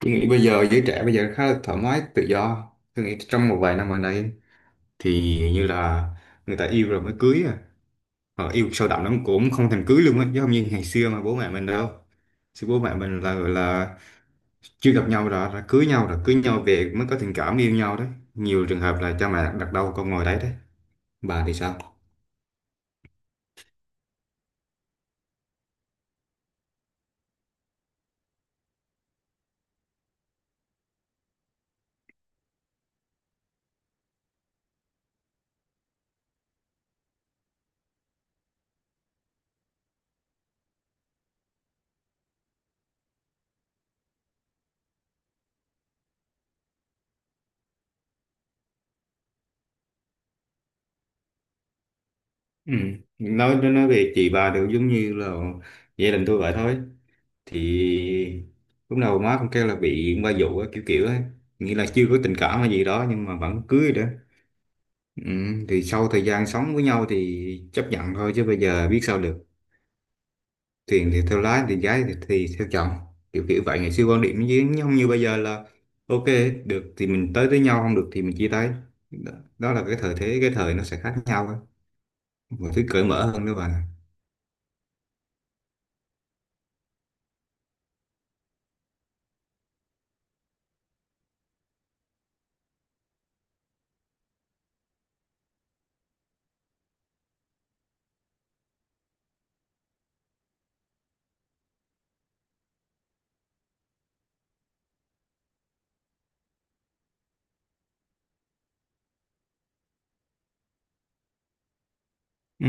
Tôi nghĩ bây giờ giới trẻ bây giờ khá là thoải mái tự do, tôi nghĩ trong một vài năm gần đây thì như là người ta yêu rồi mới cưới à, họ yêu sâu đậm lắm cũng không thèm cưới luôn á, chứ không như ngày xưa mà bố mẹ mình đâu. Xưa bố mẹ mình là gọi là chưa gặp nhau đã cưới nhau, rồi cưới nhau về mới có tình cảm yêu nhau đấy. Nhiều trường hợp là cha mẹ đặt đâu con ngồi đấy đấy. Bà thì sao? Ừ. nói về chị bà đều giống như là gia đình tôi vậy thôi. Thì lúc đầu má cũng kêu là bị ba dụ á, kiểu kiểu ấy, nghĩa là chưa có tình cảm hay gì đó nhưng mà vẫn cưới đó. Ừ, thì sau thời gian sống với nhau thì chấp nhận thôi chứ bây giờ biết sao được. Tiền thì theo lái, tiền gái thì theo chồng, kiểu kiểu vậy. Ngày xưa quan điểm với nhau, như bây giờ là ok, được thì mình tới với nhau, không được thì mình chia tay. Đó, đó là cái thời thế, cái thời nó sẽ khác nhau thôi, mọi thứ cởi mở hơn nữa bà. Ừ.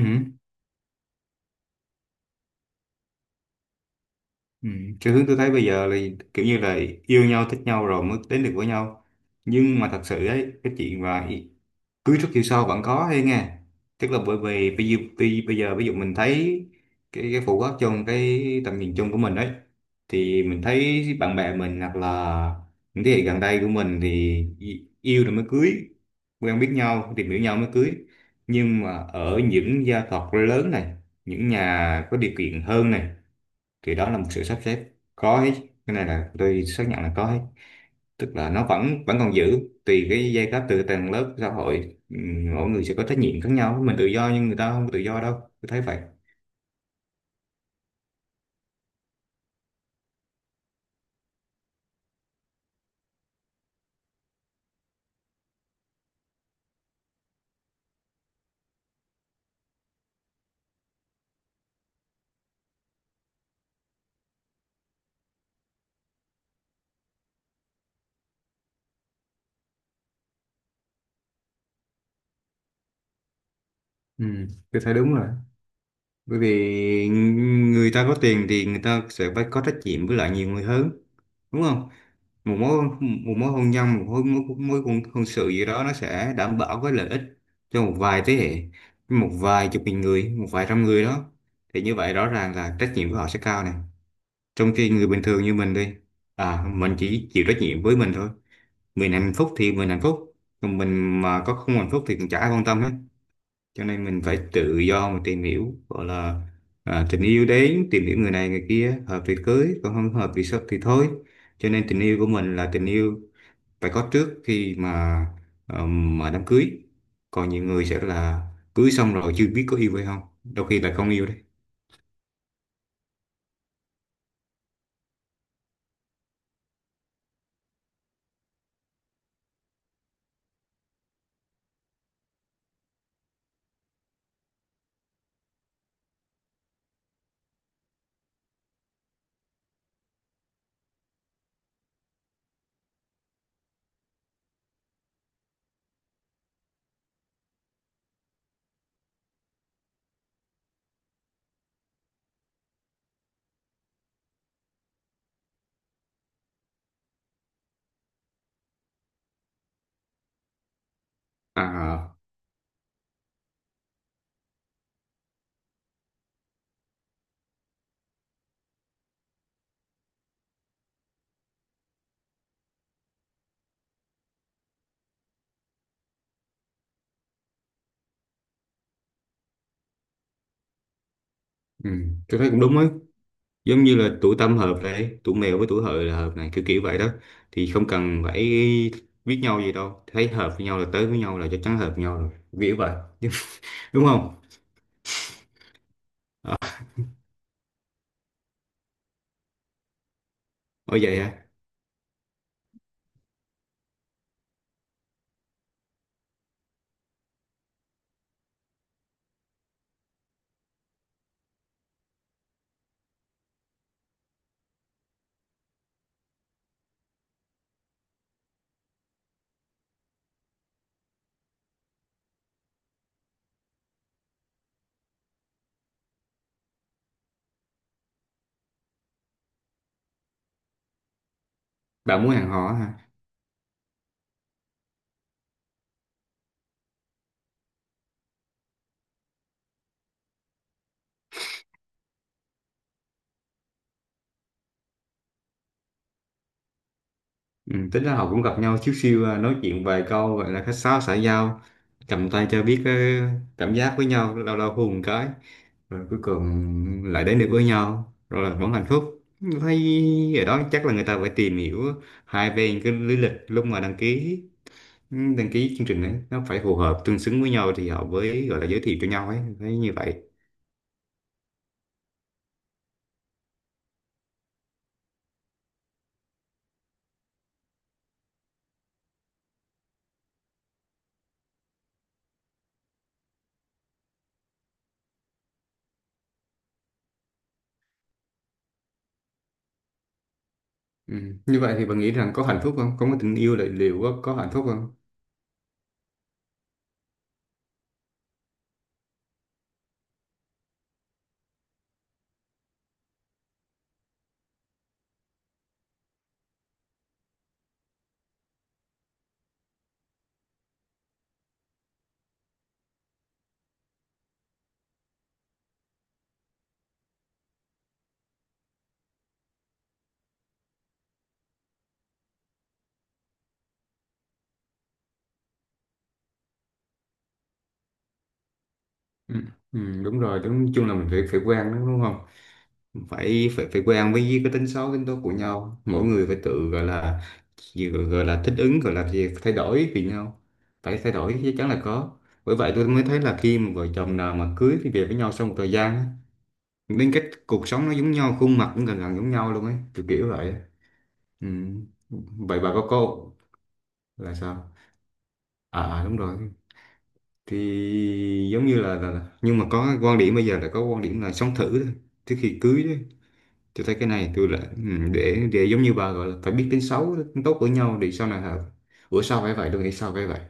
Ừ. Cái hướng tôi thấy bây giờ là kiểu như là yêu nhau thích nhau rồi mới đến được với nhau, nhưng mà thật sự ấy, cái chuyện mà cưới trước yêu sau vẫn có hay nghe. Tức là bởi vì bây giờ, bây bây giờ ví dụ mình thấy cái phổ quát trong cái tầm nhìn chung của mình ấy, thì mình thấy bạn bè mình hoặc là những thế hệ gần đây của mình thì yêu rồi mới cưới, quen biết nhau tìm hiểu nhau mới cưới. Nhưng mà ở những gia tộc lớn này, những nhà có điều kiện hơn này, thì đó là một sự sắp xếp, có hết. Cái này là tôi xác nhận là có hết. Tức là nó vẫn vẫn còn giữ, tùy cái giai cấp, từ tầng lớp xã hội, mỗi người sẽ có trách nhiệm khác nhau. Mình tự do nhưng người ta không tự do đâu, tôi thấy vậy. Ừ, tôi thấy đúng rồi. Bởi vì người ta có tiền thì người ta sẽ phải có trách nhiệm với lại nhiều người hơn, đúng không? Một mối hôn nhân, một mối mối, mối hôn, hôn sự gì đó, nó sẽ đảm bảo cái lợi ích cho một vài thế hệ, một vài chục nghìn người, một vài trăm người đó. Thì như vậy rõ ràng là trách nhiệm của họ sẽ cao này. Trong khi người bình thường như mình đi, à, mình chỉ chịu trách nhiệm với mình thôi. Mình hạnh phúc thì mình hạnh phúc, còn mình mà có không hạnh phúc thì cũng chả ai quan tâm hết. Cho nên mình phải tự do mà tìm hiểu, gọi là à, tình yêu đến, tìm hiểu người này người kia, hợp thì cưới, còn không hợp thì sắp thì thôi. Cho nên tình yêu của mình là tình yêu phải có trước khi mà đám cưới. Còn nhiều người sẽ là cưới xong rồi chưa biết có yêu hay không, đôi khi là không yêu đấy. À, ừ, tôi thấy cũng đúng ấy. Giống như là tuổi tam hợp này, tuổi mèo với tuổi hợi là hợp này, kiểu kiểu vậy đó. Thì không cần phải biết nhau gì đâu, thấy hợp với nhau là tới với nhau, là chắc chắn hợp với nhau rồi, kiểu vậy. Đúng không? Ở vậy hả? Bạn muốn hẹn hò hả? Ừ, tính ra họ cũng gặp nhau xíu xíu à, nói chuyện vài câu gọi là khách sáo xã giao, cầm tay cho biết ờ, cảm giác với nhau, lâu lâu hôn một cái, rồi cuối cùng lại đến được với nhau, rồi là vẫn hạnh phúc. Thấy ở đó chắc là người ta phải tìm hiểu hai bên, cái lý lịch lúc mà đăng ký, ừ, đăng ký chương trình ấy, nó phải phù hợp tương xứng với nhau thì họ mới gọi là giới thiệu cho nhau ấy, thấy như vậy. Ừ. Như vậy thì bạn nghĩ rằng có hạnh phúc không, có, có tình yêu là liệu có hạnh phúc không? Ừ. Ừ, đúng rồi, đúng chung là mình phải phải quen, đúng đúng không? Phải phải phải quen với cái tính xấu tính tốt của nhau, mỗi người phải tự gọi là gì, gọi gọi là thích ứng, gọi là gì, thay đổi vì nhau. Phải thay đổi, chắc chắn là có. Bởi vậy tôi mới thấy là khi mà vợ chồng nào mà cưới thì về với nhau sau một thời gian á, đến cái cuộc sống nó giống nhau, khuôn mặt cũng gần gần giống nhau luôn ấy, kiểu kiểu vậy. Ừ. Vậy bà có cô là sao? À à, đúng rồi. Thì giống như là, nhưng mà có quan điểm bây giờ là có quan điểm là sống thử thôi, trước khi cưới đó. Tôi thấy cái này tôi là ừ, để giống như bà gọi là phải biết tính xấu tính tốt của nhau để sau này hợp, bữa sau phải vậy. Tôi nghĩ sao phải vậy,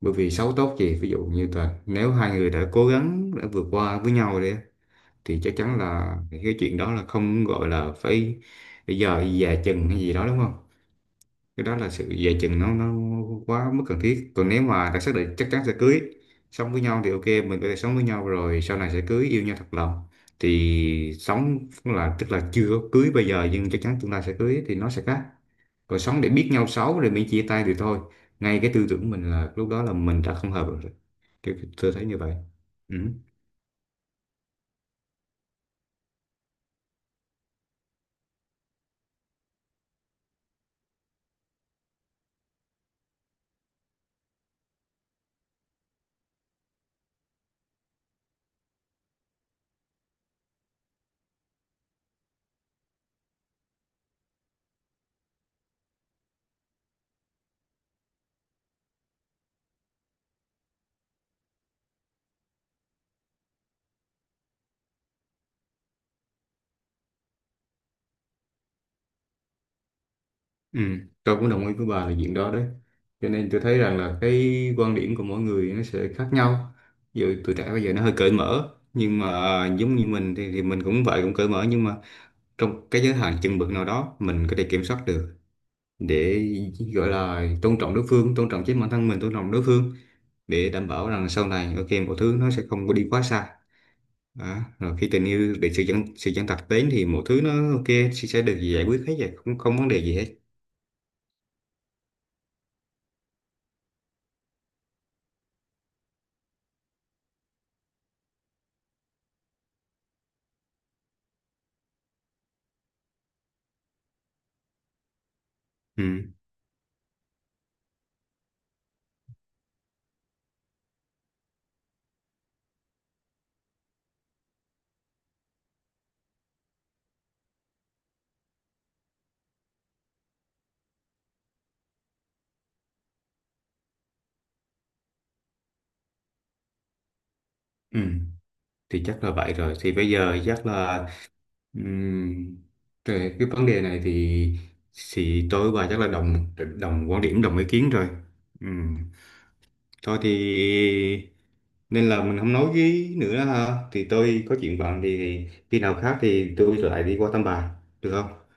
bởi vì xấu tốt gì, ví dụ như là nếu hai người đã cố gắng đã vượt qua với nhau đi, thì chắc chắn là cái chuyện đó là không gọi là phải bây giờ già chừng hay gì đó, đúng không? Cái đó là sự dè chừng, nó quá mức cần thiết. Còn nếu mà đã xác định chắc chắn sẽ cưới, sống với nhau thì ok, mình có thể sống với nhau rồi sau này sẽ cưới, yêu nhau thật lòng. Thì sống là tức là chưa có cưới bây giờ nhưng chắc chắn tương lai sẽ cưới, thì nó sẽ khác. Còn sống để biết nhau xấu rồi mới chia tay thì thôi, ngay cái tư tưởng mình là lúc đó là mình đã không hợp rồi. Tôi thấy như vậy. Ừ. Ừ, tôi cũng đồng ý với bà là chuyện đó đấy. Cho nên tôi thấy rằng là cái quan điểm của mỗi người nó sẽ khác nhau. Ví dụ tuổi trẻ bây giờ nó hơi cởi mở, nhưng mà giống như mình thì mình cũng vậy, cũng cởi mở nhưng mà trong cái giới hạn chừng mực nào đó mình có thể kiểm soát được để gọi là tôn trọng đối phương, tôn trọng chính bản thân mình, tôn trọng đối phương, để đảm bảo rằng sau này ok mọi thứ nó sẽ không có đi quá xa. Đó. Rồi khi tình yêu, để sự chân thật đến thì mọi thứ nó ok, sẽ được giải quyết hết rồi, không không vấn đề gì hết. Ừ. Ừ. Thì chắc là vậy rồi, thì bây giờ chắc là ừm, về cái vấn đề này thì tôi và chắc là đồng đồng quan điểm, đồng ý kiến rồi. Ừm, thôi thì nên là mình không nói với nữa ha, thì tôi có chuyện bận thì khi nào khác thì tôi lại đi qua thăm bà, được không?